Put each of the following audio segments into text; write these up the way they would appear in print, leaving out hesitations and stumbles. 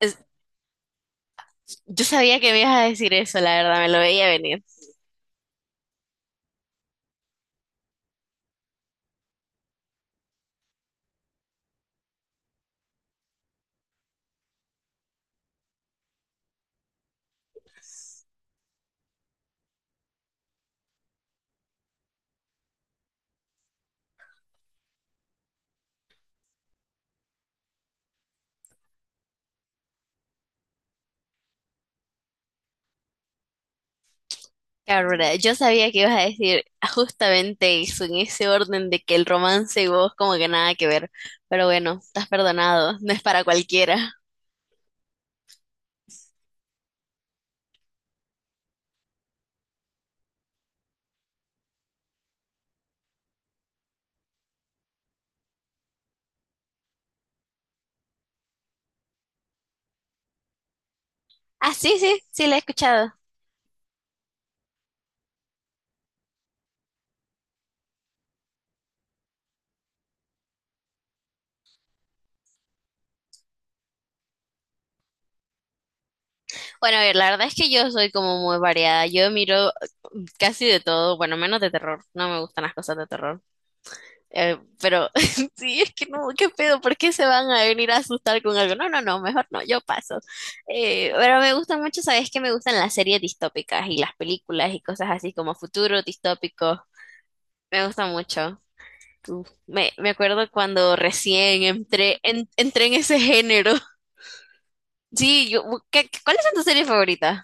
Es- Yo sabía que me ibas a decir eso, la verdad, me lo veía venir. Cabrona, yo sabía que ibas a decir justamente eso, en ese orden de que el romance y vos como que nada que ver. Pero bueno, estás perdonado, no es para cualquiera. Ah, sí, sí, sí, la he escuchado. Bueno, a ver, la verdad es que yo soy como muy variada. Yo miro casi de todo, bueno, menos de terror. No me gustan las cosas de terror. Pero sí, es que no, qué pedo, ¿por qué se van a venir a asustar con algo? No, no, no, mejor no, yo paso. Pero me gustan mucho, sabes que me gustan las series distópicas y las películas y cosas así como futuro distópico. Me gusta mucho. Uf, me acuerdo cuando recién entré en ese género. Sí, yo, ¿cuáles son tus series favoritas?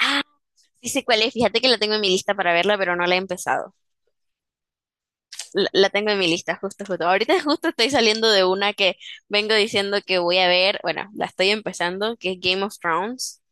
Ah, sí sé cuál es, fíjate que la tengo en mi lista para verla, pero no la he empezado. La tengo en mi lista, justo, justo. Ahorita justo estoy saliendo de una que vengo diciendo que voy a ver, bueno, la estoy empezando, que es Game of Thrones.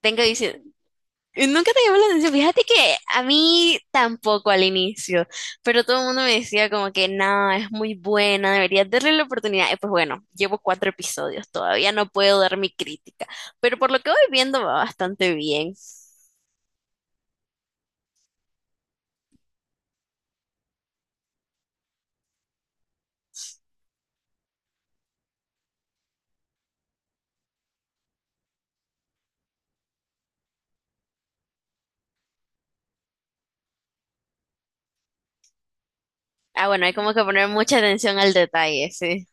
Tengo diciendo, nunca te llamó la atención, fíjate que a mí tampoco al inicio, pero todo el mundo me decía como que no, es muy buena, deberías darle la oportunidad. Y pues bueno, llevo cuatro episodios, todavía no puedo dar mi crítica, pero por lo que voy viendo va bastante bien. Ah, bueno, hay como que poner mucha atención al detalle, sí.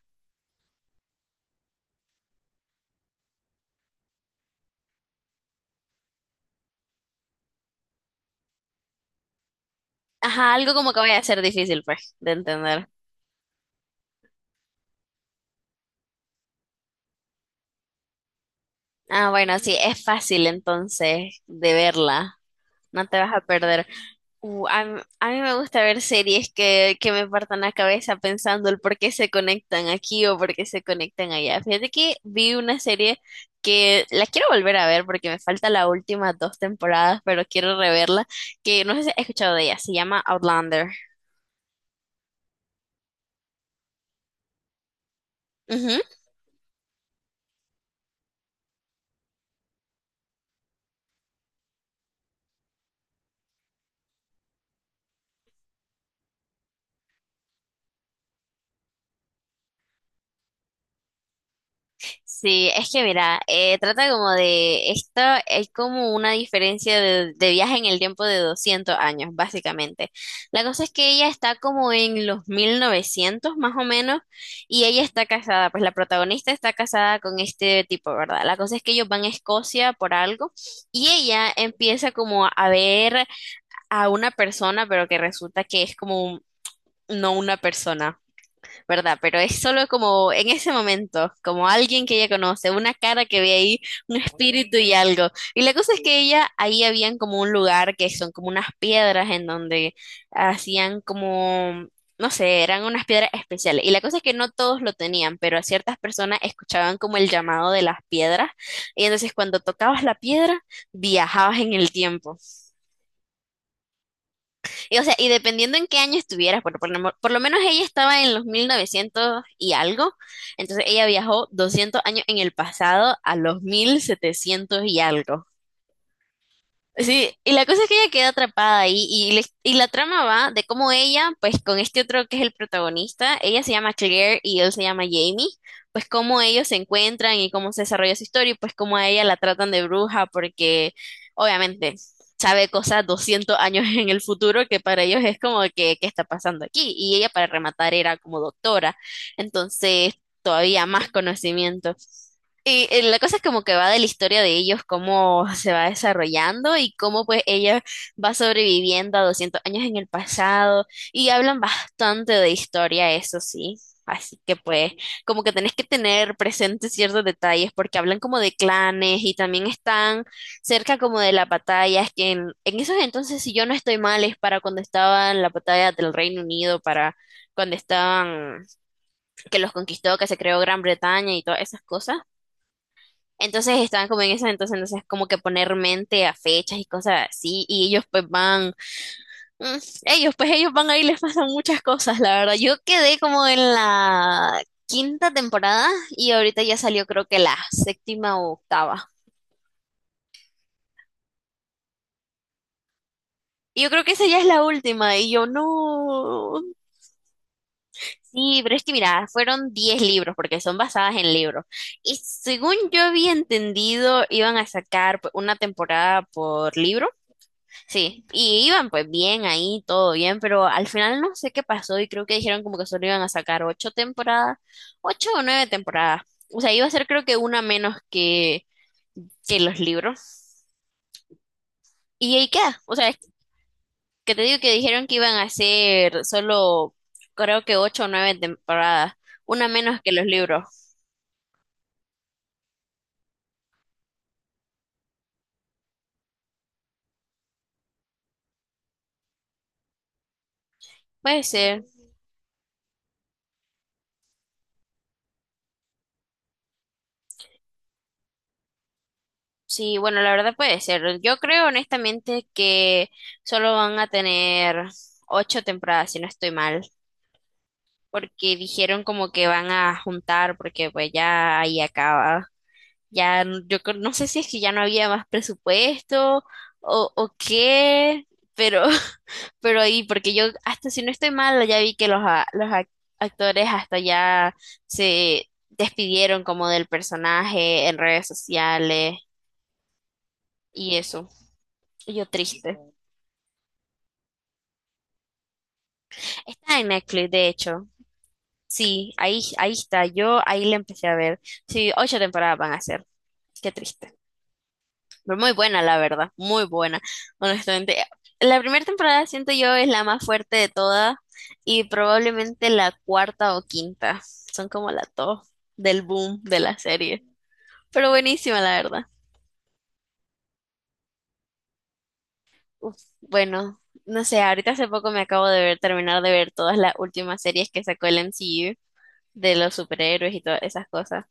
Ajá, algo como que vaya a ser difícil, pues, de entender. Ah, bueno, sí, es fácil entonces de verla. No te vas a perder. A mí me gusta ver series que me partan la cabeza pensando el por qué se conectan aquí o por qué se conectan allá. Fíjate que vi una serie que la quiero volver a ver porque me falta las últimas dos temporadas, pero quiero reverla, que no sé si has escuchado de ella, se llama Outlander. Ujú. Sí, es que mira, trata como de esto, es como una diferencia de viaje en el tiempo de 200 años, básicamente. La cosa es que ella está como en los 1900 más o menos y ella está casada, pues la protagonista está casada con este tipo, ¿verdad? La cosa es que ellos van a Escocia por algo y ella empieza como a ver a una persona, pero que resulta que es como un- no una persona. ¿Verdad? Pero es solo como en ese momento, como alguien que ella conoce, una cara que ve ahí, un espíritu y algo. Y la cosa es que ella, ahí habían como un lugar que son como unas piedras en donde hacían como... No sé, eran unas piedras especiales. Y la cosa es que no todos lo tenían, pero a ciertas personas escuchaban como el llamado de las piedras. Y entonces cuando tocabas la piedra, viajabas en el tiempo. Y, o sea, y dependiendo en qué año estuvieras, por lo menos ella estaba en los 1900 y algo, entonces ella viajó 200 años en el pasado a los 1700 y algo. Sí, y la cosa es que ella queda atrapada ahí y la trama va de cómo ella, pues con este otro que es el protagonista, ella se llama Claire y él se llama Jamie, pues cómo ellos se encuentran y cómo se desarrolla su historia y pues cómo a ella la tratan de bruja porque obviamente sabe cosas 200 años en el futuro que para ellos es como que, ¿qué está pasando aquí? Y ella para rematar era como doctora, entonces todavía más conocimiento. Y la cosa es como que va de la historia de ellos, cómo se va desarrollando y cómo pues ella va sobreviviendo a 200 años en el pasado y hablan bastante de historia, eso sí. Así que pues como que tenés que tener presentes ciertos detalles porque hablan como de clanes y también están cerca como de las batallas que en esos entonces, si yo no estoy mal, es para cuando estaban la batalla del Reino Unido, para cuando estaban que los conquistó, que se creó Gran Bretaña y todas esas cosas. Entonces estaban como en eso, como que poner mente a fechas y cosas así, y ellos pues van, mm, ellos pues ellos van ahí, les pasan muchas cosas, la verdad. Yo quedé como en la quinta temporada y ahorita ya salió creo que la séptima o octava. Y yo creo que esa ya es la última, y yo no. Sí, pero es que mira, fueron 10 libros porque son basadas en libros. Y según yo había entendido, iban a sacar pues, una temporada por libro. Sí, y iban pues bien ahí, todo bien, pero al final no sé qué pasó y creo que dijeron como que solo iban a sacar ocho temporadas, ocho o nueve temporadas. O sea, iba a ser creo que una menos que los libros. Y ahí queda. O sea, es que te digo que dijeron que iban a hacer solo creo que ocho o nueve temporadas, una menos que los libros. Puede ser. Sí, bueno, la verdad puede ser. Yo creo honestamente que solo van a tener ocho temporadas, si no estoy mal. Porque dijeron como que van a juntar, porque pues ya ahí acaba. No sé si es que ya no había más presupuesto o qué, pero, pero ahí, porque yo hasta si no estoy mal, ya vi que los actores hasta ya se despidieron como del personaje en redes sociales y eso. Y yo triste. Está en Netflix, de hecho. Sí, ahí está. Yo ahí la empecé a ver. Sí, ocho temporadas van a ser. Qué triste. Fue muy buena, la verdad, muy buena, honestamente. La primera temporada siento yo es la más fuerte de todas y probablemente la cuarta o quinta. Son como la top del boom de la serie. Pero buenísima, la verdad. Uf, bueno, no sé, ahorita hace poco me acabo de ver, terminar de ver todas las últimas series que sacó el MCU de los superhéroes y todas esas cosas.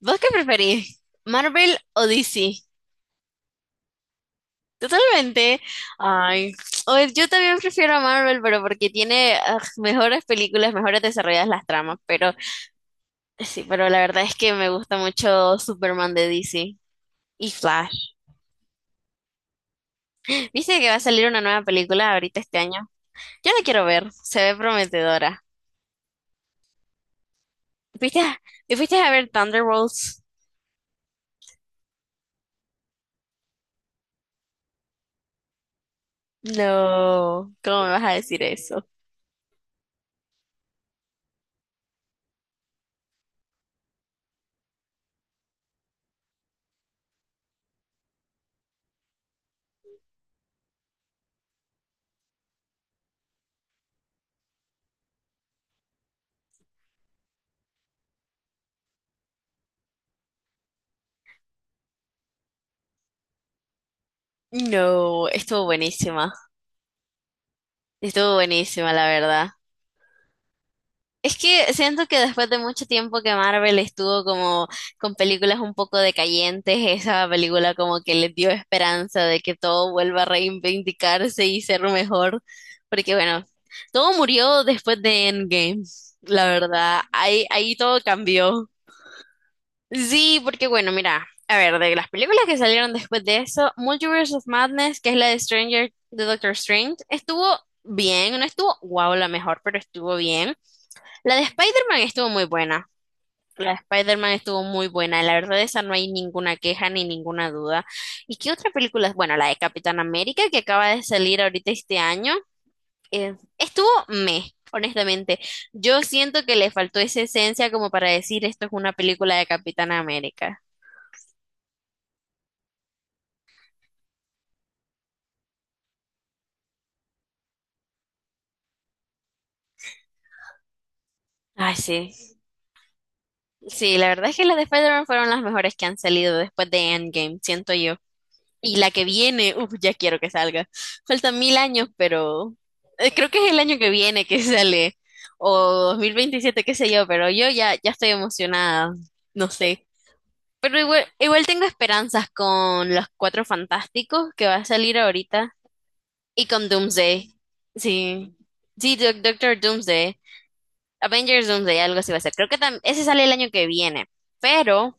¿Vos qué preferís? ¿Marvel o DC? Totalmente. Ay, yo también prefiero a Marvel, pero porque tiene mejores películas, mejores desarrolladas las tramas, pero sí, pero la verdad es que me gusta mucho Superman de DC y Flash. ¿Viste que va a salir una nueva película ahorita este año? Yo la quiero ver, se ve prometedora. ¿Fuiste? a, y fuiste a ver Thunderbolts? No, ¿cómo me vas a decir eso? No, estuvo buenísima. Estuvo buenísima, la verdad. Es que siento que después de mucho tiempo que Marvel estuvo como con películas un poco decayentes, esa película como que les dio esperanza de que todo vuelva a reivindicarse y ser mejor, porque bueno, todo murió después de Endgame, la verdad, ahí todo cambió. Sí, porque bueno, mira, a ver, de las películas que salieron después de eso, Multiverse of Madness, que es la de Stranger, de Doctor Strange, estuvo bien, no estuvo wow la mejor, pero estuvo bien. La de Spider-Man estuvo muy buena. La de Spider-Man estuvo muy buena. La verdad, esa no hay ninguna queja ni ninguna duda. ¿Y qué otra película? Bueno, la de Capitán América que acaba de salir ahorita este año. Estuvo meh, honestamente. Yo siento que le faltó esa esencia como para decir esto es una película de Capitán América. Ay, sí. Sí, la verdad es que las de Spider-Man fueron las mejores que han salido después de Endgame, siento yo. Y la que viene, uff, ya quiero que salga. Faltan mil años, pero creo que es el año que viene que sale, o 2027 qué sé yo, pero yo ya, ya estoy emocionada, no sé. Pero igual, igual tengo esperanzas con Los Cuatro Fantásticos que va a salir ahorita y con Doomsday. Sí, sí, Doctor Doomsday, Avengers Doomsday, algo así va a ser. Creo que ese sale el año que viene, pero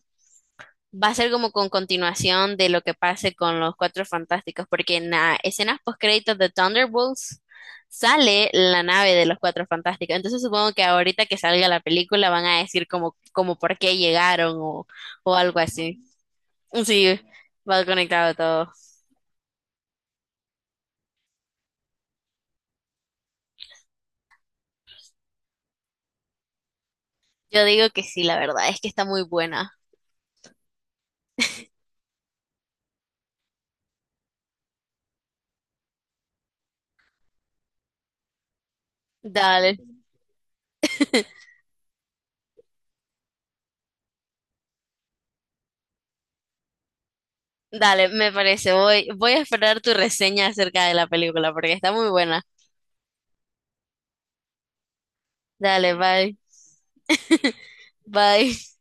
va a ser como con continuación de lo que pase con los Cuatro Fantásticos, porque en las escenas postcréditos de Thunderbolts sale la nave de los Cuatro Fantásticos. Entonces supongo que ahorita que salga la película van a decir como, como por qué llegaron o algo así. Sí, va conectado todo. Yo digo que sí, la verdad, es que está muy buena. Dale, dale, me parece. Voy, voy a esperar tu reseña acerca de la película porque está muy buena. Dale, bye. Bye.